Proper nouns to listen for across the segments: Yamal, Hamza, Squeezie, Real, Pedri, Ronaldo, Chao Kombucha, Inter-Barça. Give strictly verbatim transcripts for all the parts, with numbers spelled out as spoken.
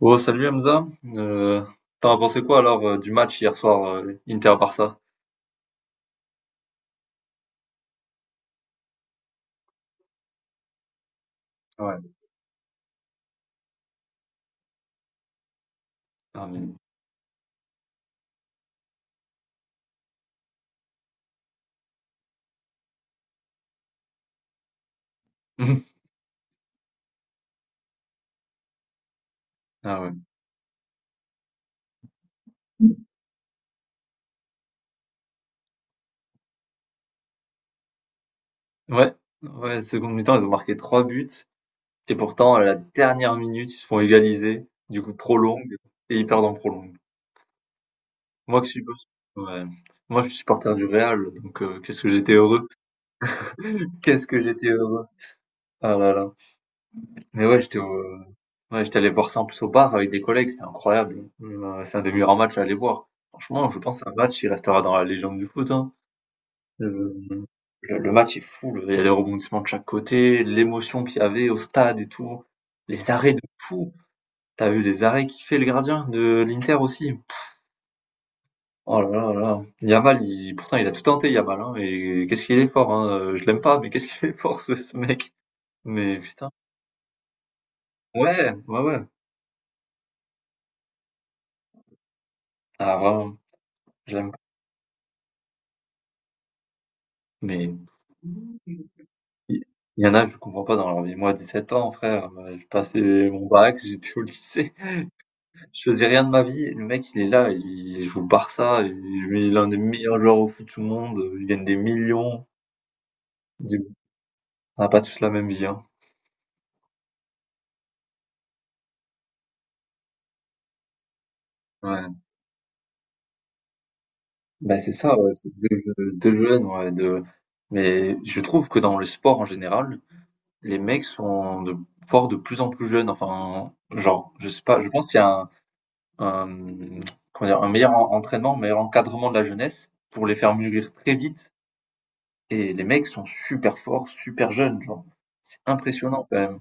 Oh, salut Hamza. Euh, t'en as pensé quoi alors euh, du match hier soir euh, Inter-Barça? Ouais. Ah, mais- Ah ouais. Ouais, ouais, seconde mi-temps, ils ont marqué trois buts, et pourtant à la dernière minute, ils se font égaliser, du coup prolongue et ils perdent en prolongue. Moi que je suis, ouais. Moi je suis supporter du Real, donc euh, qu'est-ce que j'étais heureux. Qu'est-ce que j'étais heureux. Ah là là. Mais ouais, j'étais au, ouais, j'étais allé voir ça en plus au bar avec des collègues, c'était incroyable. Mmh, c'est un des meilleurs matchs à aller voir. Franchement, je pense que c'est un match qui restera dans la légende du foot, hein. Le le le match est fou, le il y a des rebondissements de chaque côté, l'émotion qu'il y avait au stade et tout, les arrêts de fou. T'as vu les arrêts qu'il fait le gardien de l'Inter aussi. Oh là là là. Yamal, il pourtant il a tout tenté Yamal, hein, et qu'est-ce qu'il est fort, hein, heu, je l'aime pas, mais qu'est-ce qu'il est fort ce ce mec. Mais putain. Ouais, ouais, ouais. Ah vraiment, je l'aime. Mais il y en a, je comprends pas dans leur vie. Moi, dix-sept ans, frère, euh, j'ai passé mon bac, j'étais au lycée, je faisais rien de ma vie. Le mec, il est là, il joue au Barça, il est l'un des meilleurs joueurs au foot du monde, il gagne des millions. Je dis, on n'a pas tous la même vie, hein. Ouais. Bah, c'est ça, ouais, c'est deux, je- deux jeunes, ouais, deux- Mais je trouve que dans le sport en général, les mecs sont de, forts de plus en plus jeunes. Enfin, genre, je sais pas, je pense qu'il y a un, comment dire, un meilleur en- entraînement, un meilleur encadrement de la jeunesse pour les faire mûrir très vite. Et les mecs sont super forts, super jeunes, genre. C'est impressionnant quand même.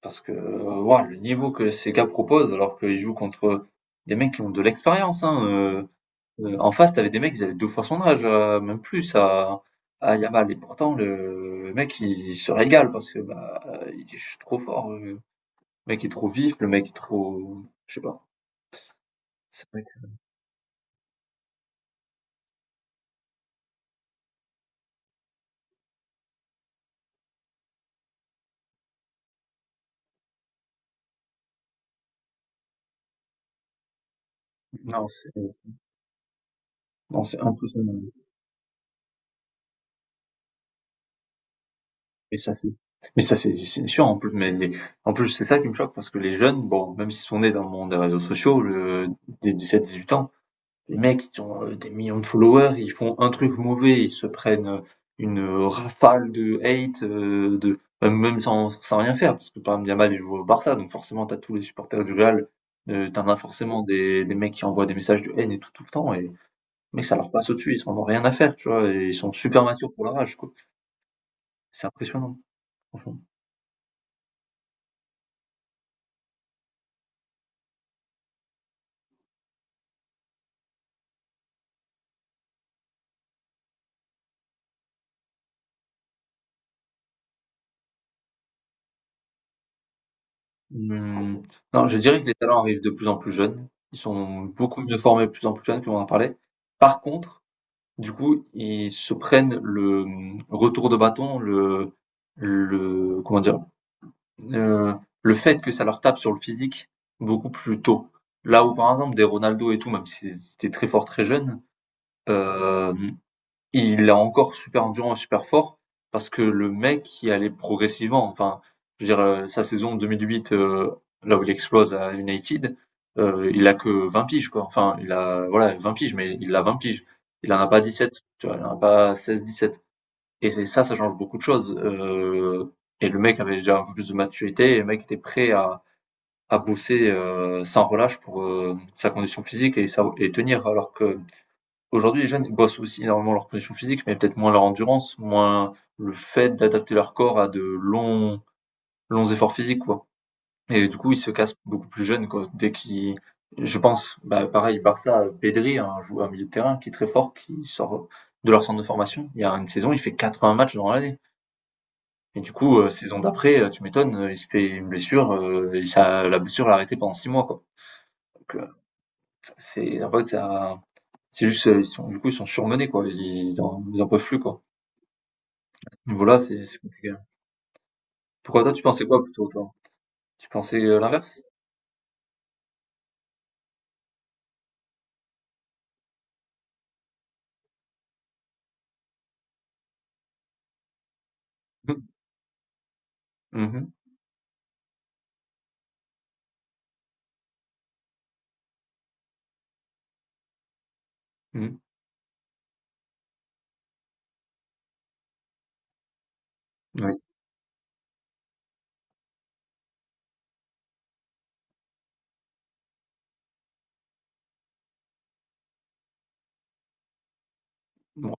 Parce que waouh, le niveau que ces gars proposent, alors qu'ils jouent contre des mecs qui ont de l'expérience. Hein, euh, euh, en face, t'avais des mecs, ils avaient deux fois son âge, euh, même plus, à, à Yamal. Et pourtant, le, le mec, il se régale parce que bah, euh, il est juste trop fort. euh. Le mec est trop vif, le mec est trop... Je sais pas. C'est- vrai que- Non, c'est- Non, c'est impressionnant. Mais ça, c'est, mais ça, c'est c'est sûr, en plus, mais les, en plus, c'est ça qui me choque parce que les jeunes, bon, même s'ils sont nés dans le monde des réseaux sociaux, le des dix-sept dix-huit ans, les mecs, ils ont, heu, des millions de followers, ils font un truc mauvais, ils se prennent, une, rafale de hate, heu, de même même sans sans rien faire parce que, par exemple, Yamal, il joue au Barça, donc forcément, t'as tous les supporters du Real, heu, tu as forcément des des mecs qui envoient des messages de haine et tout, tout le temps, et mais ça leur passe au-dessus, ils en ont rien à faire, tu vois? Et ils sont super matures pour leur âge, quoi. C'est impressionnant. Franchement. Mmh, non, je dirais que les talents arrivent de plus en plus jeunes. Ils sont beaucoup mieux formés de plus en plus jeunes, comme on en parlait. Par contre, du coup, ils se prennent le mmh, retour de bâton, le le comment dire, heu, le fait que ça leur tape sur le physique beaucoup plus tôt. Là où, par exemple, des Ronaldo et tout, même s'ils étaient très forts très jeunes, il a encore super endurant et super fort parce que le mec, il allait progressivement. Enfin, je veux dire, euh, sa saison deux mille huit, euh, là où il explose à United, euh, il a que vingt piges, quoi. Enfin, il a, voilà, vingt piges, mais il a vingt piges. Il en a pas dix-sept, tu vois, il en a pas seize, dix-sept. Et c'est ça, ça change beaucoup de choses. Euh, et le mec avait déjà un peu plus de maturité, et le mec était prêt à, à bosser euh, sans relâche pour euh, sa condition physique et, sa- et tenir, alors que Aujourd'hui, les jeunes, ils bossent aussi énormément leur condition physique, mais peut-être moins leur endurance, moins le fait d'adapter leur corps à de longs, longs efforts physiques, quoi. Et du coup, ils se cassent beaucoup plus jeunes, quoi. Dès qu'ils, je pense, bah, pareil, Barça, Pedri, un joueur, un milieu de terrain qui est très fort, qui sort de leur centre de formation. Il y a une saison, il fait quatre-vingts matchs dans l'année. Et du coup, euh, saison d'après, euh, tu m'étonnes, euh, il se fait une blessure, euh, et ça, la blessure l'a arrêté pendant six mois, quoi. Donc, euh, c'est, en fait, ça- c'est juste, euh, ils sont, du coup, ils sont surmenés, quoi. Ils, en- ils en peuvent plus, quoi. Voilà, c'est c'est compliqué. Pourquoi toi, tu pensais quoi plutôt, toi? Tu pensais euh, l'inverse? Mmh. Mmh. Mmh. Oui. Bon.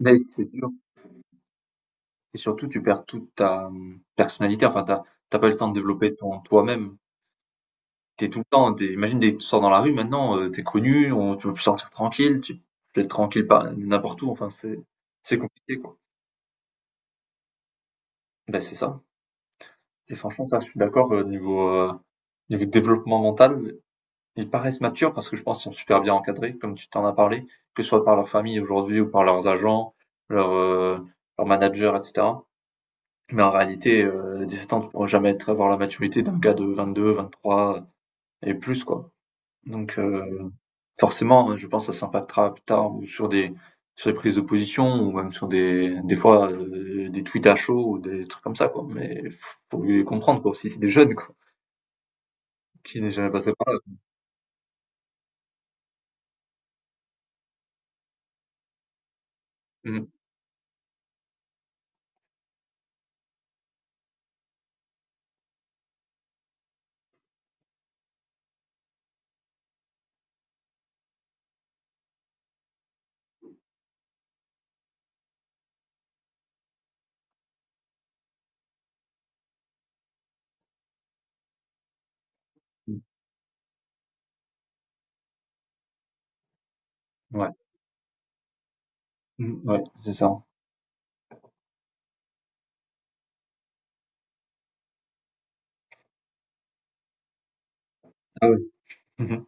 Mais c'est dur. Et surtout, tu perds toute ta hum, personnalité. Enfin, t'as t'as pas le temps de développer ton toi-même. T'es tout le temps, t'es, imagine, dès que tu sors dans la rue maintenant, euh, t'es connu, on, tu peux plus sortir tranquille, tu peux être tranquille pas n'importe où. Enfin, c'est c'est compliqué, quoi. Ben, c'est ça. Et franchement, ça, je suis d'accord, euh, niveau, euh, niveau développement mental, ils paraissent matures parce que je pense qu'ils sont super bien encadrés, comme tu t'en as parlé, que ce soit par leur famille aujourd'hui ou par leurs agents, leurs euh, leurs managers, et cetera. Mais en réalité, euh, dix-sept ans, tu pourras jamais être, avoir la maturité d'un gars de vingt-deux, vingt-trois et plus, quoi. Donc, euh, forcément, je pense que ça s'impactera plus tard ou sur des, sur des prises de position ou même sur des, des fois, euh, des tweets à chaud ou des trucs comme ça, quoi. Mais faut faut les comprendre, quoi, aussi, c'est des jeunes, quoi, qui n'est jamais passé par là. Mm. Ouais. Mm, ouais, c'est ça. Euh, Mmh mh.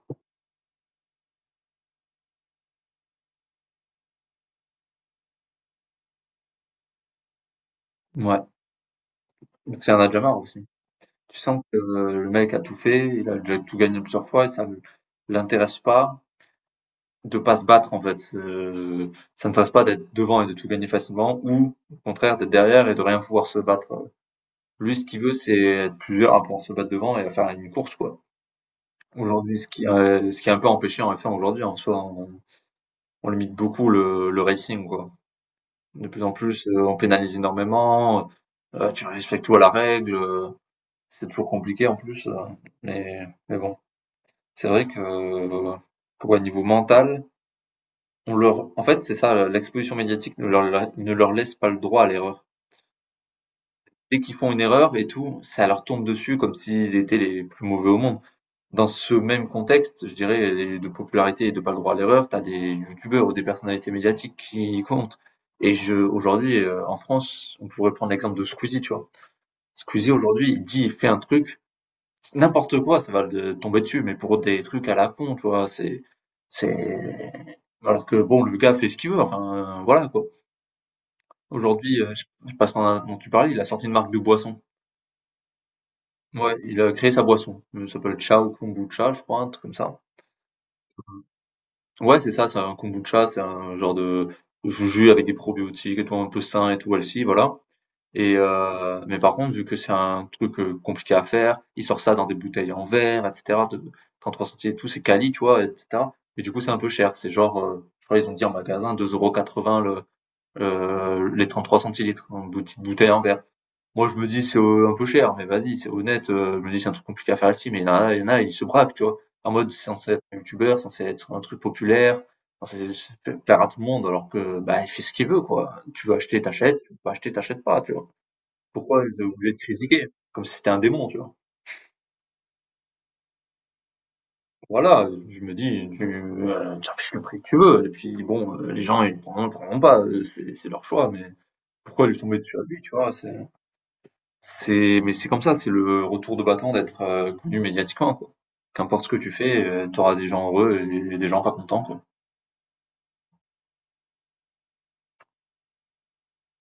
Mouais, donc ça en a déjà marre aussi. Tu sens que euh, le mec a tout fait, il a déjà tout gagné plusieurs fois et ça le l'intéresse pas de pas se battre, en fait, heu, ça ne l'intéresse pas d'être devant et de tout gagner facilement ou au contraire d'être derrière et de rien pouvoir se battre. Lui, ce qu'il veut, c'est être plusieurs à pouvoir se battre devant et à faire une course, quoi. Aujourd'hui, ce qui, heu, ce qui est un peu empêché en F un aujourd'hui en soi, on on limite beaucoup le le racing, quoi. De plus en plus, heu, on pénalise énormément, heu, tu respectes tout à la règle, euh, c'est toujours compliqué en plus, heu, mais mais bon. C'est vrai que, euh, que ouais, niveau mental, on leur en fait, c'est ça, l'exposition médiatique ne leur ne leur laisse pas le droit à l'erreur. Dès qu'ils font une erreur et tout, ça leur tombe dessus comme s'ils étaient les plus mauvais au monde. Dans ce même contexte, je dirais, les de popularité et de pas le droit à l'erreur, t'as des youtubeurs ou des personnalités médiatiques qui comptent, et je aujourd'hui, heu, en France, on pourrait prendre l'exemple de Squeezie, tu vois? Squeezie aujourd'hui, il dit, il fait un truc n'importe quoi, ça va le tomber dessus, mais pour des trucs à la con, tu vois, c'est, c'est, alors que bon, le gars fait ce qu'il veut, enfin, euh, voilà, quoi. Aujourd'hui, euh, je, je passe dans, un- dont tu parlais, il a sorti une marque de boisson. Ouais, il a créé sa boisson. Euh, Ça s'appelle Chao Kombucha, je crois, un truc comme ça. Ouais, c'est ça, c'est un kombucha, c'est un genre de jus avec des probiotiques et tout, un peu sain et tout, elle voilà. Et heu, mais par contre, vu que c'est un truc, heu, compliqué à faire, ils sortent ça dans des bouteilles en verre, et cetera, de trente-trois centilitres et tout, c'est quali, tu vois? Et cetera. Mais du coup, c'est un peu cher. C'est genre, heu, je crois ils ont dit en magasin deux euros quatre-vingts € le, heu, les trente-trois centilitres, une petite bouteille en verre. Moi, je me dis: «C'est, heu, un peu cher», mais vas-y, c'est honnête, heu, je me dis: «C'est un truc compliqué à faire ici», mais il y en a il y en a, ils se braquent, tu vois? En mode, c'est censé être un youtubeur, censé être un truc populaire, censé plaire à tout le monde, alors que, bah, il fait ce qu'il veut, quoi. Tu veux acheter, t'achètes. Tu veux pas acheter, t'achètes pas, tu vois? Pourquoi vous êtes obligé de critiquer? Comme si c'était un démon, tu vois? Voilà, je me dis, tu, heu, tu affiches le prix que tu veux et puis bon, heu, les gens ils ne prendront, ils prendront pas, heu, c'est c'est leur choix, mais pourquoi lui tomber dessus à lui, tu vois? C'est c'est mais c'est comme ça, c'est le retour de bâton d'être, heu, connu médiatiquement, quoi. Qu'importe ce que tu fais, heu, tu auras des gens heureux et et des gens pas contents, quoi.